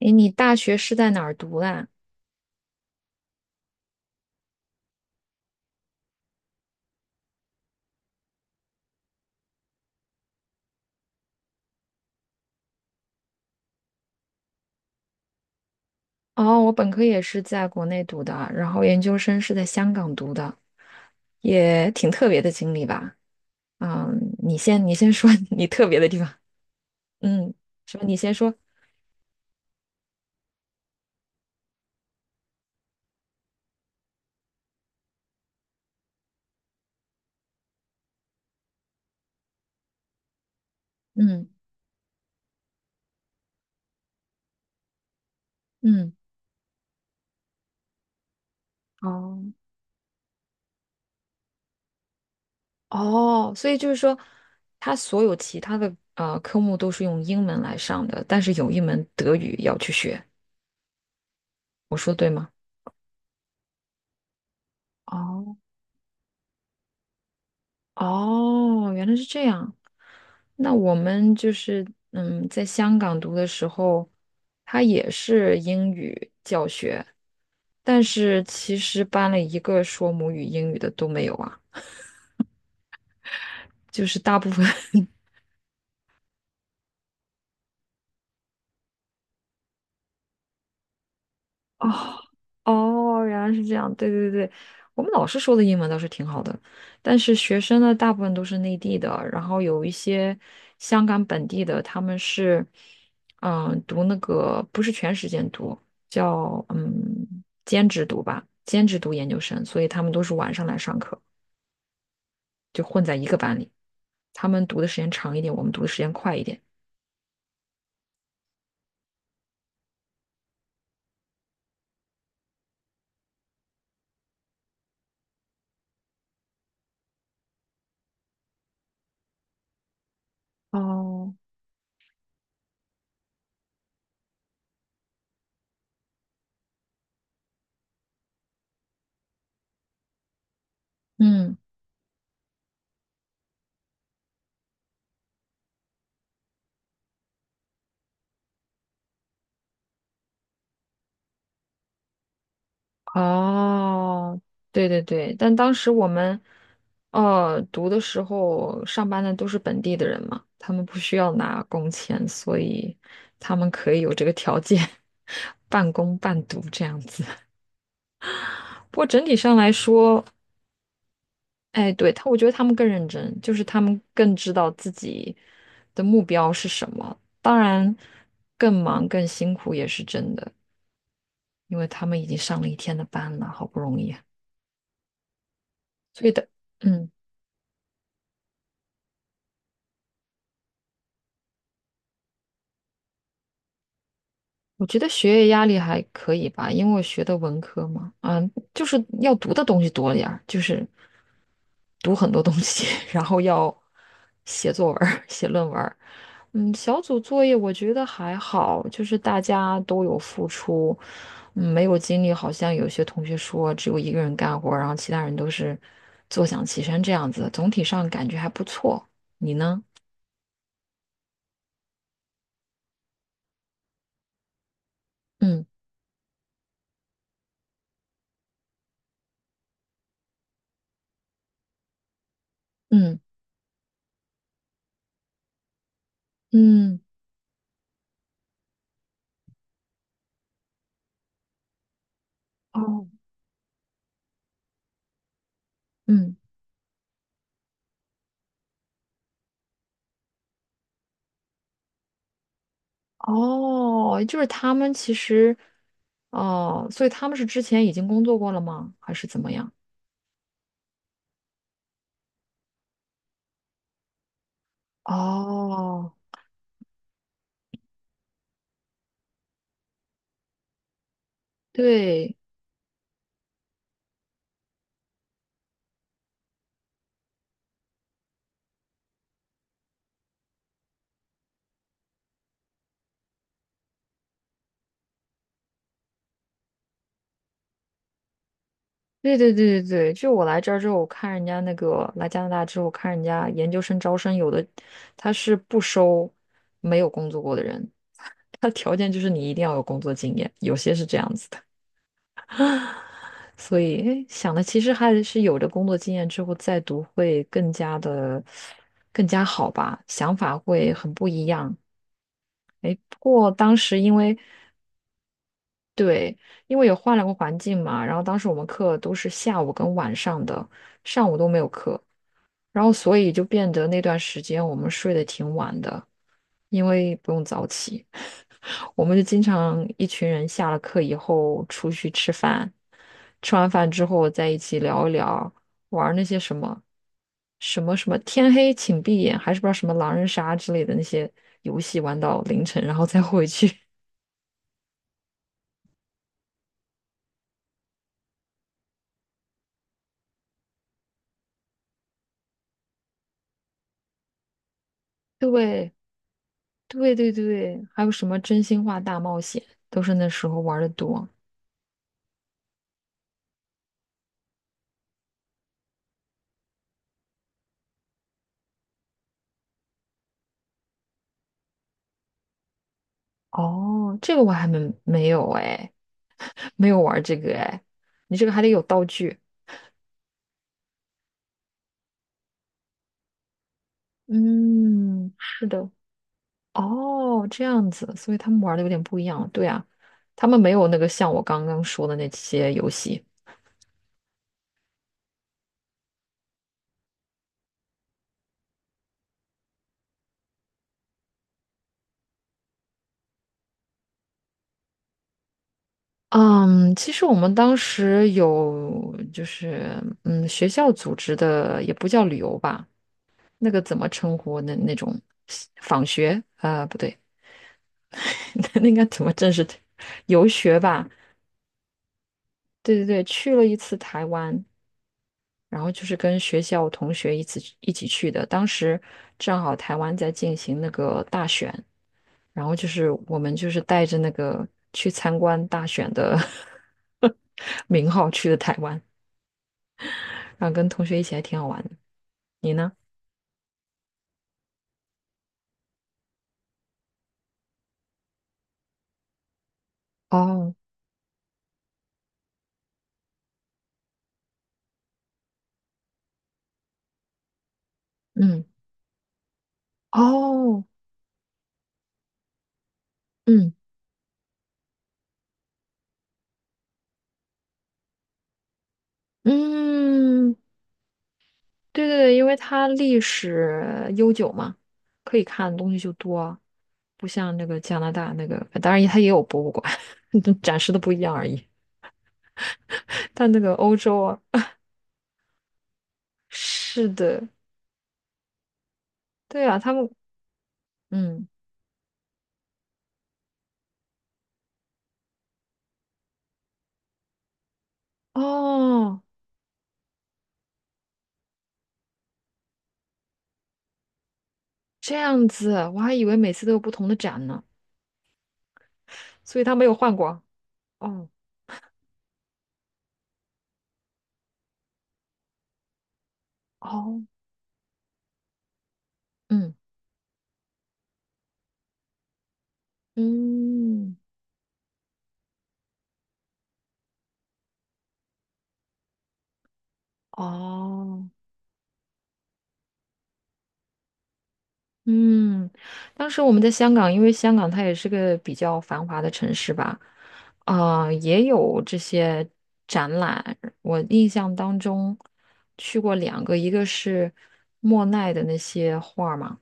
诶，你大学是在哪儿读的啊？哦，我本科也是在国内读的，然后研究生是在香港读的，也挺特别的经历吧。嗯，你先说 你特别的地方。嗯，什么？你先说。嗯嗯，哦哦，所以就是说，他所有其他的科目都是用英文来上的，但是有一门德语要去学。我说对吗？哦哦，原来是这样。那我们就是在香港读的时候，它也是英语教学，但是其实班里一个说母语英语的都没有啊，就是大部分 哦，哦，原来是这样，对对对，我们老师说的英文倒是挺好的，但是学生呢，大部分都是内地的，然后有一些香港本地的，他们是，读那个不是全时间读，叫兼职读吧，兼职读研究生，所以他们都是晚上来上课，就混在一个班里，他们读的时间长一点，我们读的时间快一点。哦，嗯。哦，对对对，但当时我们，读的时候上班的都是本地的人嘛，他们不需要拿工钱，所以他们可以有这个条件，半工半读这样子。不过整体上来说，哎，对，他，我觉得他们更认真，就是他们更知道自己的目标是什么。当然，更忙更辛苦也是真的，因为他们已经上了一天的班了，好不容易啊，所以的，嗯。我觉得学业压力还可以吧，因为我学的文科嘛，就是要读的东西多点儿，就是读很多东西，然后要写作文儿写论文儿小组作业我觉得还好，就是大家都有付出，没有精力。好像有些同学说只有一个人干活儿然后其他人都是坐享其成这样子，总体上感觉还不错。你呢？嗯嗯嗯，哦，嗯。哦，就是他们其实，哦，所以他们是之前已经工作过了吗？还是怎么样？哦，对，对对对对对，就我来这儿之后，我看人家那个来加拿大之后，看人家研究生招生，有的他是不收没有工作过的人，他条件就是你一定要有工作经验，有些是这样子的。啊，所以诶想的其实还是有了工作经验之后再读会更加好吧，想法会很不一样。哎，不过当时因为对，因为也换了个环境嘛，然后当时我们课都是下午跟晚上的，上午都没有课，然后所以就变得那段时间我们睡得挺晚的，因为不用早起。我们就经常一群人下了课以后出去吃饭，吃完饭之后在一起聊一聊，玩儿那些什么天黑请闭眼，还是不知道什么狼人杀之类的那些游戏，玩到凌晨，然后再回去。对对对对，还有什么真心话大冒险，都是那时候玩的多。哦，这个我还没没有哎，没有玩这个哎，你这个还得有道具。嗯，是的，哦，这样子，所以他们玩的有点不一样。对啊，他们没有那个像我刚刚说的那些游戏。嗯，其实我们当时有就是学校组织的，也不叫旅游吧，那个怎么称呼那种访学？啊、不对，那应该怎么正式的游学吧？对对对，去了一次台湾，然后就是跟学校同学一起去的。当时正好台湾在进行那个大选。然后就是我们就是带着那个去参观大选的 名号去的台湾，然后跟同学一起还挺好玩的。你呢？哦，嗯，哦，嗯嗯，对对对，因为它历史悠久嘛，可以看的东西就多啊，不像那个加拿大那个，当然它也有博物馆，展示的不一样而已。但那个欧洲啊，是的，对啊，他们，嗯，哦。这样子，我还以为每次都有不同的展呢，所以他没有换过啊。哦哦，嗯嗯哦嗯，当时我们在香港，因为香港它也是个比较繁华的城市吧，啊、也有这些展览。我印象当中去过两个，一个是莫奈的那些画儿嘛，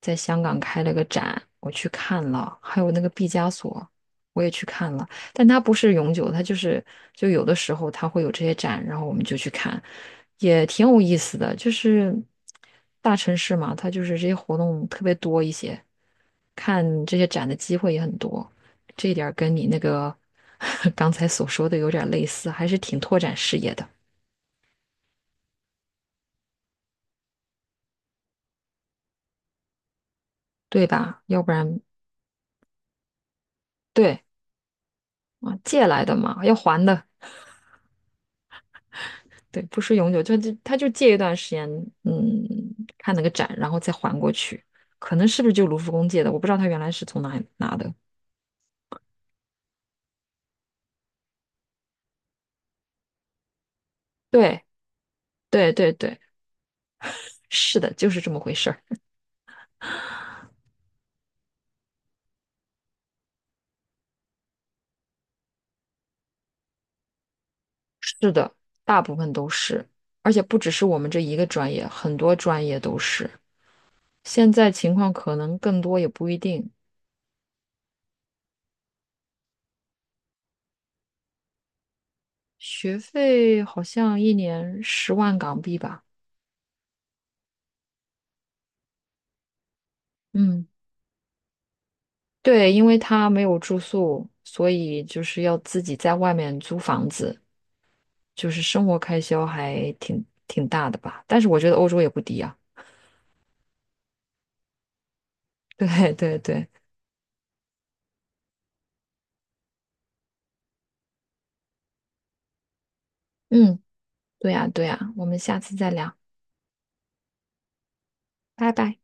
在香港开了个展，我去看了，还有那个毕加索，我也去看了，但它不是永久它就有的时候它会有这些展，然后我们就去看，也挺有意思的。就是大城市嘛，它就是这些活动特别多一些，看这些展的机会也很多，这一点儿跟你那个 刚才所说的有点儿类似，还是挺拓展视野的，对吧？要不然对啊，借来的嘛，要还的。对，不是永久，就他就借一段时间，嗯，看那个展，然后再还过去。可能是不是就卢浮宫借的？我不知道他原来是从哪里拿的。对，对，对，对，是的，就是这么回事儿。是的，大部分都是，而且不只是我们这一个专业，很多专业都是。现在情况可能更多，也不一定。学费好像一年10万港币吧。嗯，对，因为他没有住宿，所以就是要自己在外面租房子。就是生活开销还挺大的吧。但是我觉得欧洲也不低啊。对对对，嗯，对呀对呀，我们下次再聊，拜拜。